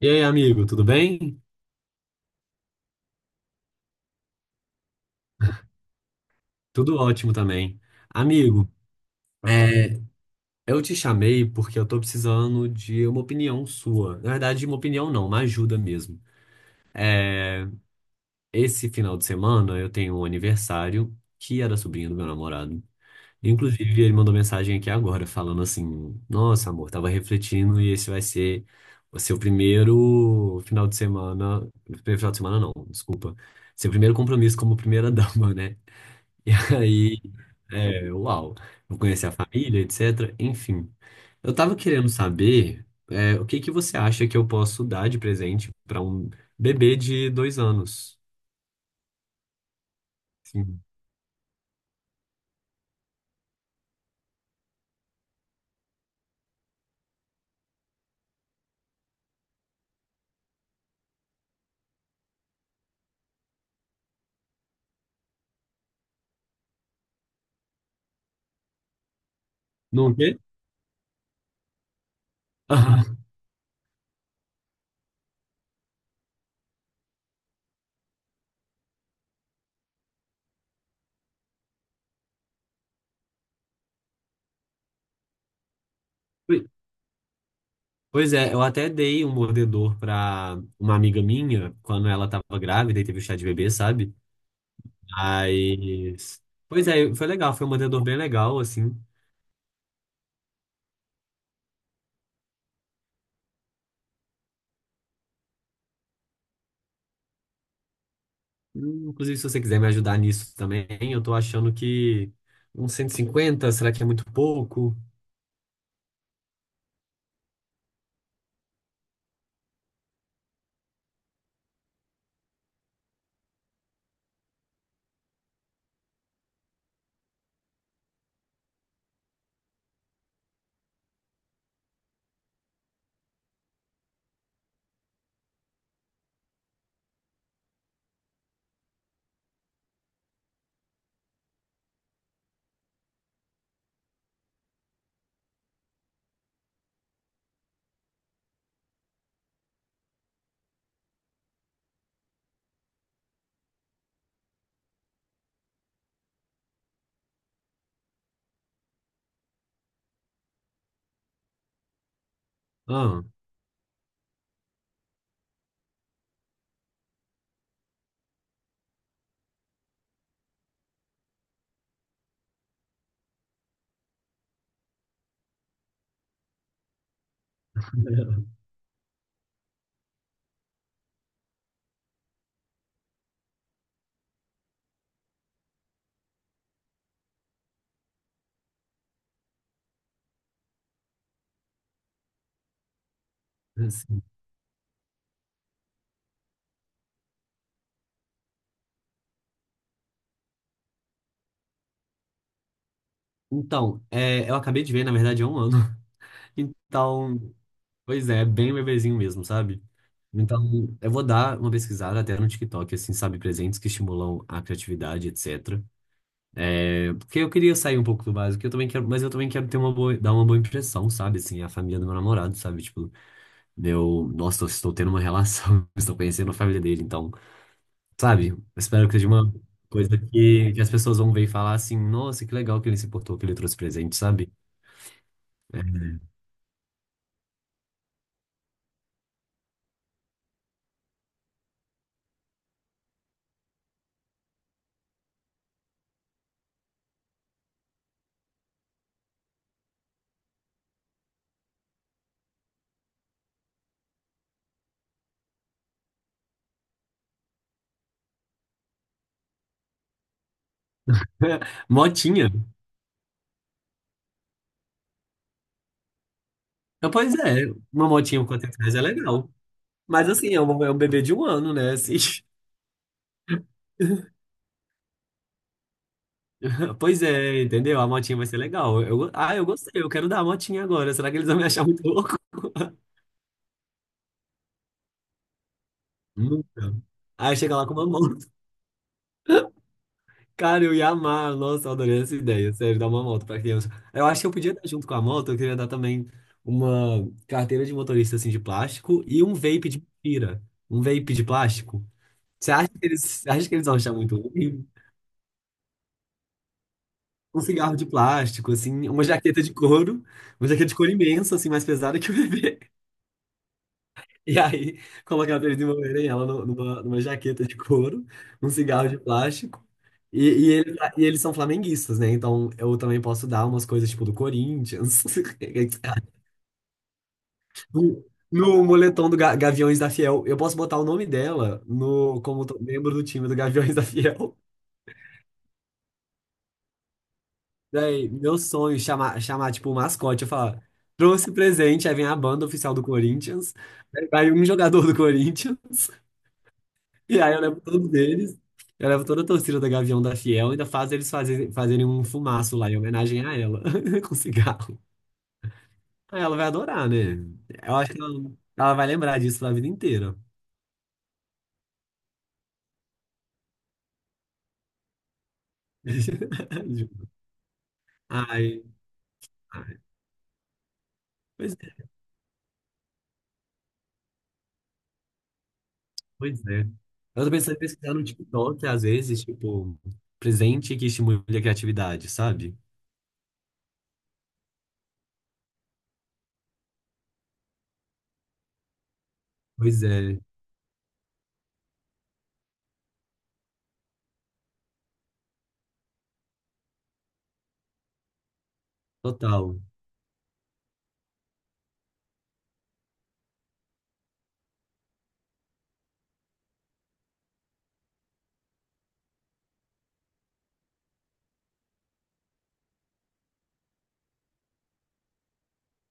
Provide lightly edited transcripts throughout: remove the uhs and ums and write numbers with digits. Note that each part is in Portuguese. E aí, amigo, tudo bem? Tudo ótimo também. Amigo, é, eu te chamei porque eu tô precisando de uma opinião sua. Na verdade, uma opinião não, uma ajuda mesmo. É, esse final de semana eu tenho um aniversário que era sobrinho do meu namorado. Inclusive, ele mandou mensagem aqui agora falando assim: Nossa, amor, tava refletindo e esse vai ser o seu primeiro final de semana. Primeiro final de semana, não, desculpa. Seu primeiro compromisso como primeira dama, né? E aí. Uau. Vou conhecer a família, etc. Enfim, eu tava querendo saber, o que que você acha que eu posso dar de presente para um bebê de 2 anos? Sim. Não o quê? Ui. Pois é, eu até dei um mordedor pra uma amiga minha quando ela tava grávida e teve o chá de bebê, sabe? Mas. Pois é, foi legal, foi um mordedor bem legal, assim. Inclusive, se você quiser me ajudar nisso também, eu tô achando que uns 150 será que é muito pouco? Ah, assim. Então, eu acabei de ver, na verdade, há um ano. Então, pois é, é bem bebezinho mesmo, sabe? Então, eu vou dar uma pesquisada até no TikTok, assim, sabe, presentes que estimulam a criatividade, etc. Porque eu queria sair um pouco do básico, eu também quero, mas eu também quero ter uma boa, dar uma boa impressão, sabe, assim, a família do meu namorado, sabe, tipo, meu, nossa, eu estou tendo uma relação, estou conhecendo a família dele, então, sabe? Eu espero que seja uma coisa que as pessoas vão ver e falar assim: nossa, que legal que ele se portou, que ele trouxe presente, sabe? Motinha. Ah, pois é, uma motinha com R$ 400 é legal. Mas assim, é um bebê de um ano, né? Assim, pois é, entendeu? A motinha vai ser legal. Eu gostei, eu quero dar a motinha agora. Será que eles vão me achar muito louco? Nunca. Aí chega lá com uma moto. Cara, eu ia amar. Nossa, eu adorei essa ideia. Sério, dar uma moto pra criança. Eu acho que eu podia dar junto com a moto, eu queria dar também uma carteira de motorista assim de plástico e um vape de mentira. Um vape de plástico. Você acha que eles vão achar muito ruim? Um cigarro de plástico, assim, uma jaqueta de couro, uma jaqueta de couro imensa, assim, mais pesada que o bebê. E aí, colocava ele de uma maneira, ela numa jaqueta de couro, um cigarro de plástico. E eles são flamenguistas, né? Então eu também posso dar umas coisas tipo do Corinthians. No, no moletom do Gaviões da Fiel. Eu posso botar o nome dela no, como membro do time do Gaviões da Fiel. Daí, meu sonho, chamar tipo o mascote, eu falar, trouxe presente, aí vem a banda oficial do Corinthians, aí vai um jogador do Corinthians. E aí eu levo todos eles, eu levo toda a torcida da Gavião da Fiel, ainda faz eles fazerem um fumaço lá em homenagem a ela, com cigarro. Aí ela vai adorar, né? Eu acho que ela vai lembrar disso pra vida inteira. Ai, ai. Pois é, pois é. Eu tô pensando em pesquisar no TikTok, às vezes, tipo, presente que estimule a criatividade, sabe? Pois é, total.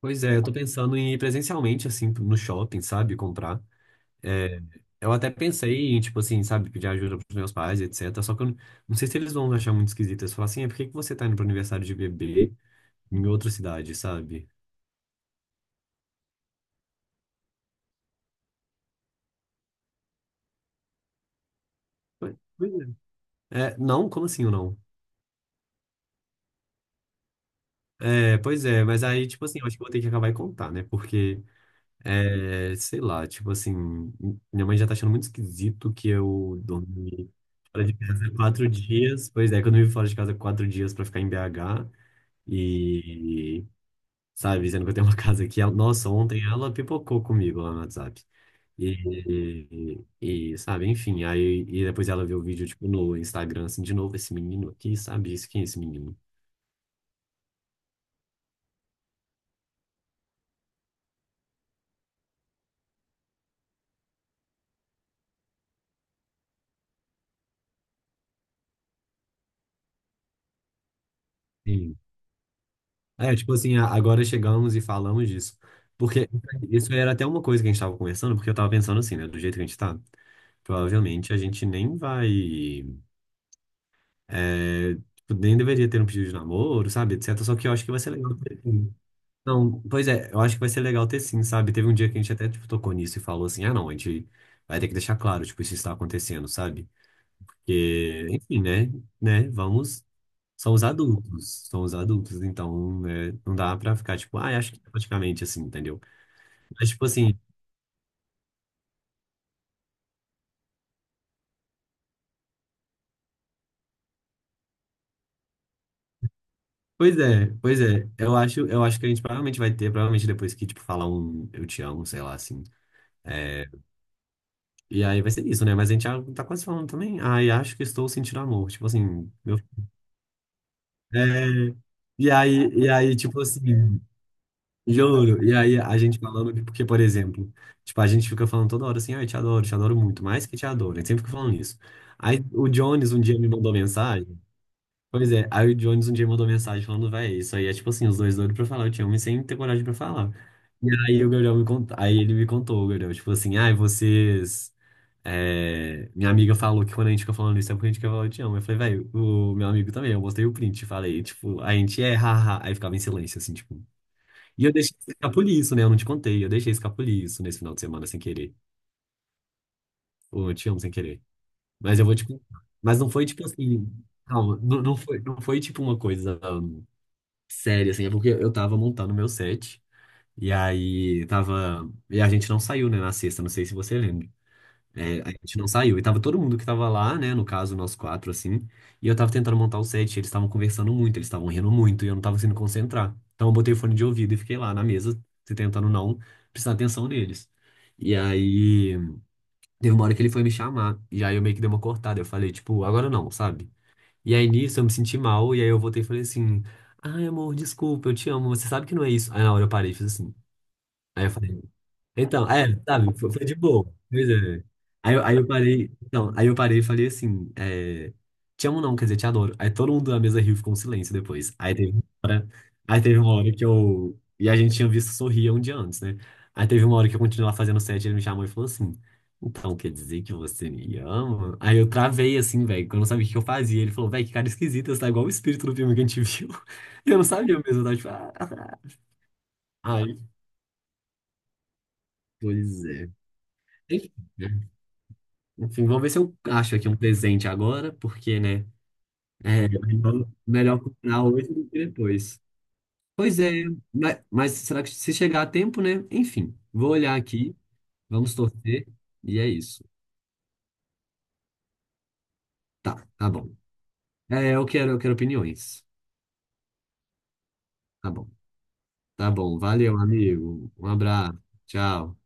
Pois é, eu tô pensando em ir presencialmente, assim, no shopping, sabe? Comprar. É, eu até pensei em, tipo assim, sabe, pedir ajuda pros meus pais, etc. Só que eu não sei se eles vão achar muito esquisito. Eles falam assim, por que que você tá indo pro aniversário de bebê em outra cidade, sabe? Pois é. Não, como assim ou não? Pois é, mas aí, tipo assim, eu acho que eu vou ter que acabar e contar, né? Porque, sei lá, tipo assim, minha mãe já tá achando muito esquisito que eu dormi fora de casa 4 dias. Pois é, que eu dormi fora de casa quatro dias pra ficar em BH. E sabe? Dizendo que eu tenho uma casa aqui. Nossa, ontem ela pipocou comigo lá no WhatsApp. E, e, sabe, enfim, aí e depois ela viu o vídeo, tipo, no Instagram, assim, de novo, esse menino aqui, sabe? Isso, quem é esse menino? Sim. Tipo assim, agora chegamos e falamos disso. Porque isso era até uma coisa que a gente tava conversando, porque eu tava pensando assim, né? Do jeito que a gente tá, provavelmente a gente nem vai. é, tipo, nem deveria ter um pedido de namoro, sabe? Etc. Só que eu acho que vai ser legal. Não, pois é, eu acho que vai ser legal ter sim, sabe? Teve um dia que a gente até, tipo, tocou nisso e falou assim, ah, não, a gente vai ter que deixar claro, tipo, isso está acontecendo, sabe? Porque, enfim, né? Né? Vamos, são os adultos, então, né, não dá pra ficar, tipo, ah, acho que tá praticamente assim, entendeu? Mas, tipo assim, pois é, eu acho que a gente provavelmente provavelmente depois que, tipo, falar um eu te amo, sei lá, assim, é, e aí vai ser isso, né? Mas a gente já tá quase falando também, ai, acho que estou sentindo amor, tipo assim, meu É, e aí, tipo assim, juro, e aí a gente falando porque, por exemplo, tipo, a gente fica falando toda hora assim, ai, te adoro muito, mais que te adoro, a gente sempre fica falando isso. Aí o Jones um dia me mandou mensagem, pois é, aí o Jones um dia me mandou mensagem falando, véi, isso aí é tipo assim, os dois doidos pra falar, eu te amo e sem ter coragem pra falar. E aí o Gabriel me contou, aí ele me contou, o Gabriel, tipo assim, ai, vocês. É, minha amiga falou que quando a gente ficou falando isso é porque a gente quer falar eu te amo. Eu falei, velho, o meu amigo também. Eu mostrei o print, falei, tipo, a gente é, haha. Aí ficava em silêncio, assim, tipo. E eu deixei escapulir isso, né? Eu não te contei. Eu deixei escapulir isso nesse final de semana sem querer. Ou eu te amo sem querer. Mas eu vou te contar. Mas não foi tipo assim. Calma, não, não foi tipo uma coisa séria, assim. É porque eu tava montando meu set. E aí tava. E a gente não saiu, né, na sexta. Não sei se você lembra. É, a gente não saiu. E tava todo mundo que tava lá, né? No caso, nós quatro, assim. E eu tava tentando montar o set, eles estavam conversando muito, eles estavam rindo muito, e eu não tava conseguindo concentrar. Então eu botei o fone de ouvido e fiquei lá na mesa, se tentando não prestar atenção neles. E aí, teve uma hora que ele foi me chamar. E aí eu meio que dei uma cortada. Eu falei, tipo, agora não, sabe? E aí nisso eu me senti mal, e aí eu voltei e falei assim: Ai, amor, desculpa, eu te amo, você sabe que não é isso. Aí na hora eu parei e fiz assim. Aí eu falei. Então, é, sabe, foi, foi de boa. Pois é. Aí eu parei, então, aí eu parei e falei assim, é, te amo não, quer dizer, te adoro. Aí todo mundo na mesa riu, e ficou um silêncio depois. Aí teve uma hora, e a gente tinha visto sorrir um dia antes, né? Aí teve uma hora que eu continuava fazendo set, ele me chamou e falou assim, então, quer dizer que você me ama? Aí eu travei assim, velho, que eu não sabia o que eu fazia. Ele falou, velho, que cara esquisita, você tá igual o espírito do filme que a gente viu. eu não sabia mesmo, eu tava tipo, ah. Aí, pois é. Enfim, né? Enfim, vou ver se eu acho aqui um presente agora, porque, né? É melhor comprar hoje do que depois. Pois é, mas será que se chegar a tempo, né? Enfim, vou olhar aqui, vamos torcer, e é isso. Tá, tá bom. Eu quero opiniões. Tá bom. Tá bom. Valeu, amigo. Um abraço. Tchau.